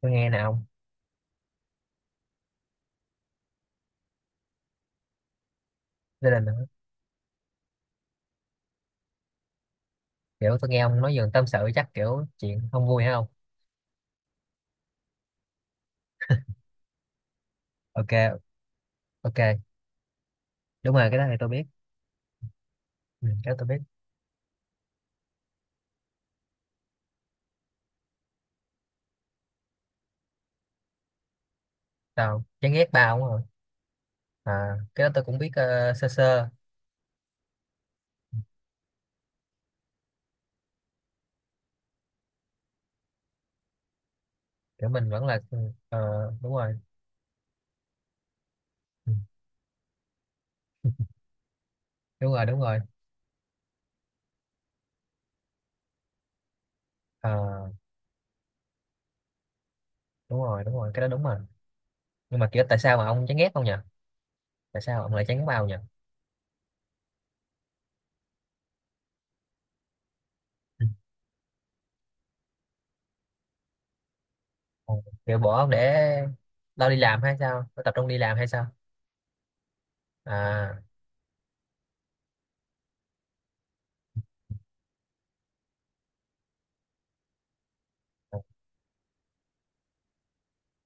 Tôi nghe nè ông. Gia đình hả? Kiểu tôi nghe ông nói giường tâm sự chắc kiểu chuyện không vui hay không? Ok, ok. Đúng rồi, cái đó thì tôi biết. Ừ, cái đó tôi biết. Sao, chán ghét ba ông rồi? À, cái đó tôi cũng biết sơ sơ. Kiểu mình vẫn là, ừ, ờ, đúng rồi. Ừ, đúng rồi, đúng rồi. Ờ, đúng rồi, đúng rồi, cái đó đúng rồi. Nhưng mà kiểu tại sao mà ông chán ghét không nhỉ? Tại sao ông lại chán bao nhỉ? Ừ. Ờ, kiểu bỏ ông để lo đi làm hay sao? Lo tập trung đi làm hay sao? À,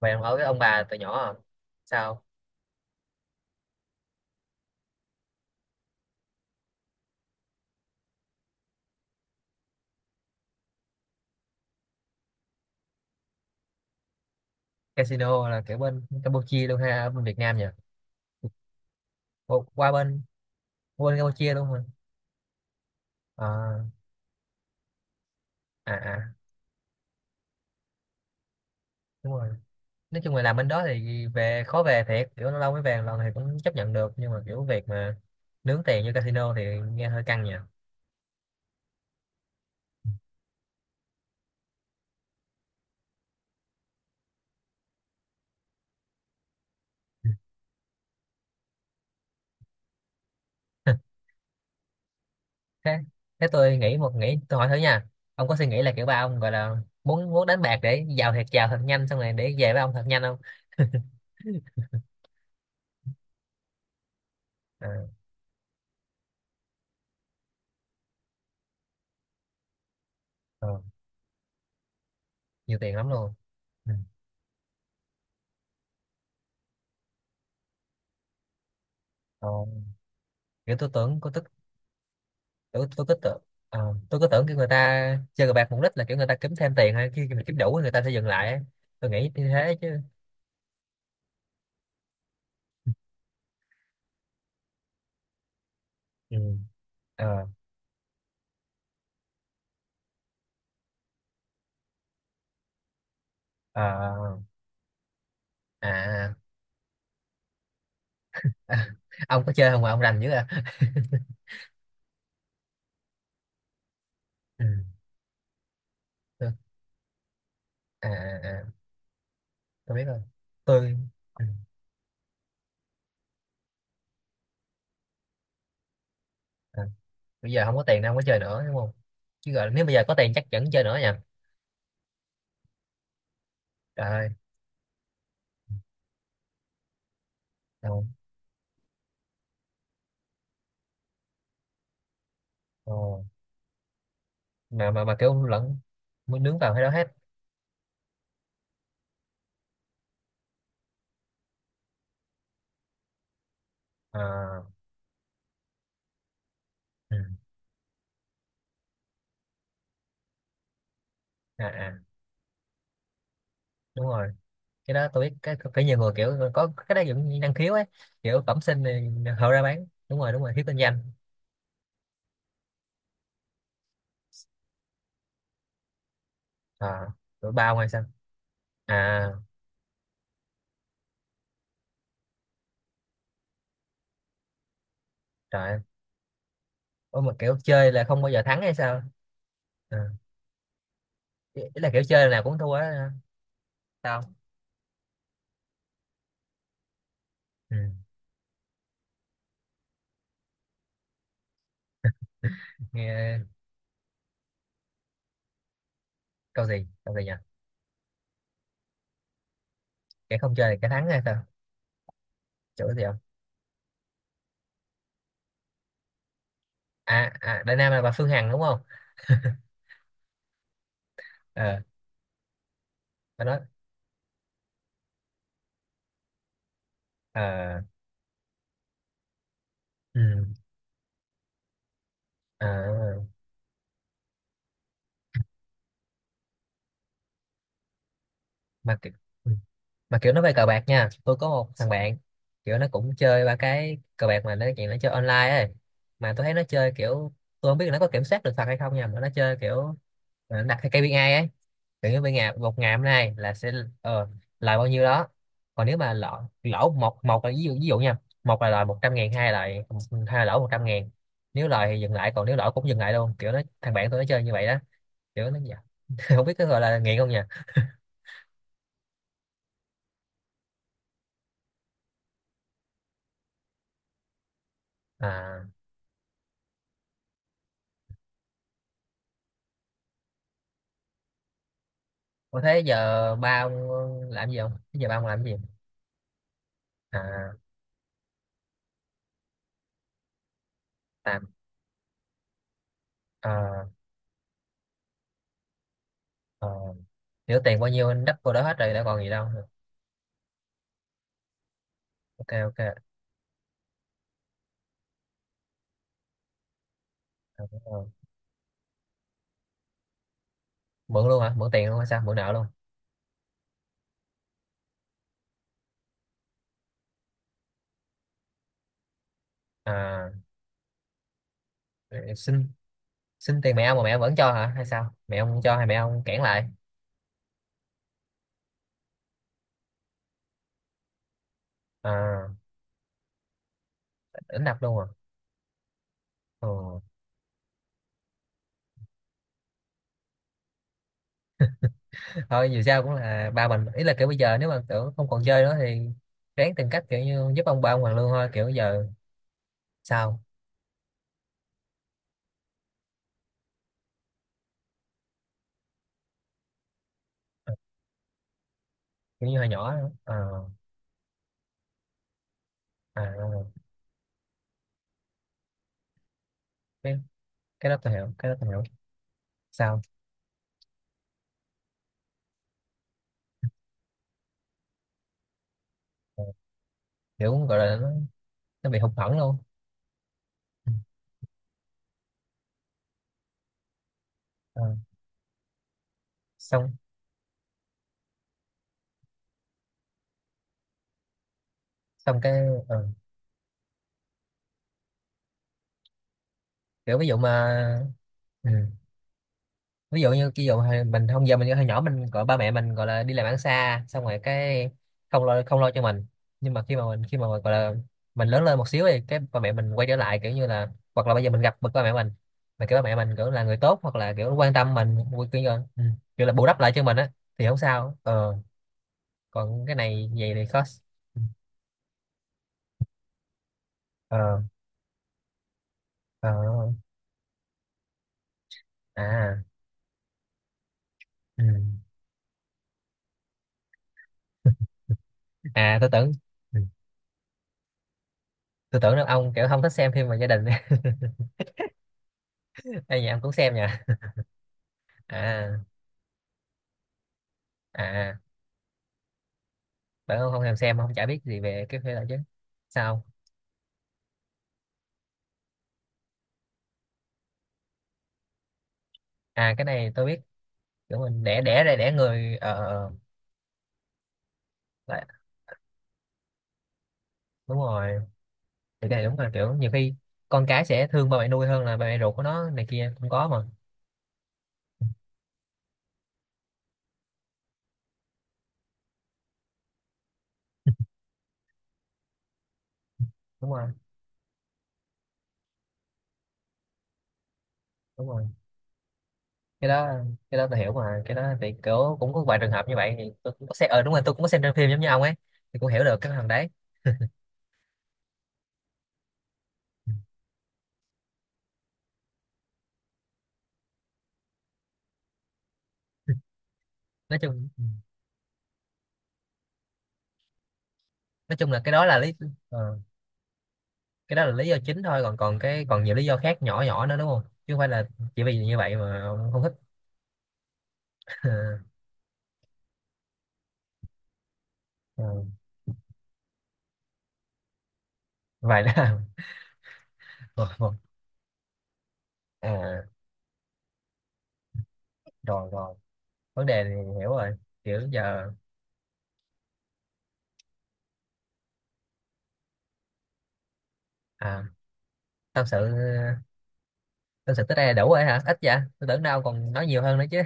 vậy ông ở với ông bà từ nhỏ à? Sao? Casino là kiểu bên Campuchia luôn ha, ở bên Việt Nam nhỉ? Ồ, qua bên. Qua bên Campuchia luôn hả? À, à, à. Đúng rồi. Nói chung là làm bên đó thì về khó về thiệt, kiểu lâu lâu mới về một lần thì cũng chấp nhận được, nhưng mà kiểu việc mà nướng tiền như casino thì nghe hơi căng nhỉ. thế thế tôi nghĩ một nghĩ, tôi hỏi thử nha. Ông có suy nghĩ là kiểu ba ông gọi là muốn muốn đánh bạc để giàu thiệt giàu thật nhanh, xong rồi để về với ông thật nhanh không? À, ờ, nhiều tiền lắm luôn. Ừ. Ờ, kiểu tôi tưởng có tức. Tôi cứ tưởng. Tôi cứ tưởng kiểu người ta chơi cờ bạc mục đích là kiểu người ta kiếm thêm tiền, hay khi mình kiếm đủ thì người ta sẽ dừng lại ấy. Tôi nghĩ như thế chứ. Ừ. Ờ. Ờ. À, à. Ông có chơi không mà ông rành dữ à? Ừ. tôi- à, à, à. Tôi biết rồi. Tôi ừ. À. Bây giờ không có tiền nên không có chơi nữa đúng không? Chứ gọi nếu bây giờ có tiền chắc vẫn chơi nữa nha. Trời ơi. Đâu. Ồ. Mà kiểu lẫn muốn nướng vào cái đó hết. À, ừ. À, à, đúng rồi, cái đó tôi biết, cái phải nhiều người kiểu có cái đó giống như năng khiếu ấy. Kiểu bẩm sinh thì họ ra bán, đúng rồi, đúng rồi, thiếu kinh doanh. À, tụi bao ngoài sao? À. Trời ơi. Ủa mà kiểu chơi là không bao giờ thắng hay sao? À, ý ý là kiểu chơi là cũng thua đó hả? Sao? Ừ. Nghe câu gì nhỉ? Cái không chơi thì cái thắng hay sao? Chỗ gì không? À, à, Đại Nam là bà Phương Hằng đúng không? Ờ, bà nói. Ờ. Ừ, ờ. Mà cái- ừ, mà kiểu nó về cờ bạc nha, tôi có một thằng bạn. Kiểu nó cũng chơi ba cái cờ bạc, mà nó chuyện nó chơi online ấy. Mà tôi thấy nó chơi kiểu. Tôi không biết là nó có kiểm soát được thật hay không nha, mà nó chơi kiểu. Mà nó đặt theo KPI ấy. Kiểu như bên ngày một ngày hôm nay là sẽ ờ, lời bao nhiêu đó. Còn nếu mà lỗ. Lỗ một một là ví dụ, ví dụ nha. Một là lời 100.000, hai là lỗ 100.000. Nếu lời thì dừng lại, còn nếu lỗ cũng dừng lại luôn, kiểu nó thằng bạn tôi nó chơi như vậy đó. Kiểu nó không biết có gọi là nghiện không nha. À. Ủa thế giờ ba ông làm gì không? Thế giờ ba ông làm gì? À, tạm. Ờ. ờ, Nếu tiền bao nhiêu anh đắp vô đó hết rồi đã còn gì đâu. Ok, ok. Ờ, đúng rồi. Mượn luôn hả? Mượn tiền luôn hay sao? Mượn nợ luôn. À, xin xin tiền mẹ ông mà mẹ ông vẫn cho hả? Hay sao? Mẹ ông không cho hay mẹ ông cản lại? À, đánh đập luôn à? Ừ. Thôi dù sao cũng là ba mình, ý là kiểu bây giờ nếu mà kiểu không còn chơi nữa thì ráng tìm cách kiểu như giúp ông ba ông hoàn lương thôi kiểu giờ. Sao? Kiểu như hồi nhỏ nữa. Ờ, à, cái đó tôi hiểu, cái đó tôi hiểu. Sao? Ờ, kiểu gọi là nó bị hụt hẫng luôn. Ờ, xong xong cái ờ, kiểu ví dụ mà. Ừ, ví dụ như ví dụ hồi mình không giờ mình hồi nhỏ mình gọi ba mẹ mình gọi là đi làm ăn xa, xong rồi cái không lo không lo cho mình, nhưng mà khi mà mình khi mà gọi là mình lớn lên một xíu thì cái ba mẹ mình quay trở lại kiểu như là, hoặc là bây giờ mình gặp bậc ba mẹ mình, mà cái ba mẹ mình kiểu là người tốt hoặc là kiểu quan tâm mình kiểu, ừ, kiểu là bù đắp lại cho mình á thì không sao, ờ, còn cái này vậy thì khó. Ừ. Ờ. Ờ, à, ừ. À, tôi tưởng. Ừ, tôi tưởng là ông kiểu không thích xem phim về gia đình. Đây nhà ông cũng xem nha. À, à, bởi ông không thèm xem ông chả biết gì về cái phim đó chứ. Sao? À, cái này tôi biết. Kiểu mình đẻ đẻ ra đẻ người ờ Đúng rồi. Thì cái này đúng là kiểu nhiều khi con cái sẽ thương ba mẹ nuôi hơn là ba mẹ ruột của nó này kia cũng có mà. Đúng rồi, đúng rồi, cái đó cái đó tôi hiểu. Mà cái đó thì kiểu cũng có vài trường hợp như vậy thì tôi cũng có xem, đúng rồi, tôi cũng có xem trên phim giống như ông ấy. Thì cũng hiểu được cái thằng đấy. Nói chung, ừ, nói chung là cái đó là lý. ờ, cái đó là lý do chính thôi còn còn cái còn nhiều lý do khác nhỏ nhỏ nữa đúng không, chứ không phải là chỉ vì như vậy mà ông không thích. Ừ. Vậy là Ờ, ờ. À, rồi, rồi, vấn đề này hiểu rồi kiểu giờ. À, tâm sự, tâm sự tới đây là đủ rồi hả? Ít vậy tôi tưởng đâu còn nói nhiều hơn nữa chứ.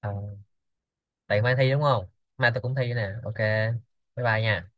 Ờ, tại mai thi đúng không? Mai tôi cũng thi nè. Ok, bye, bye nha.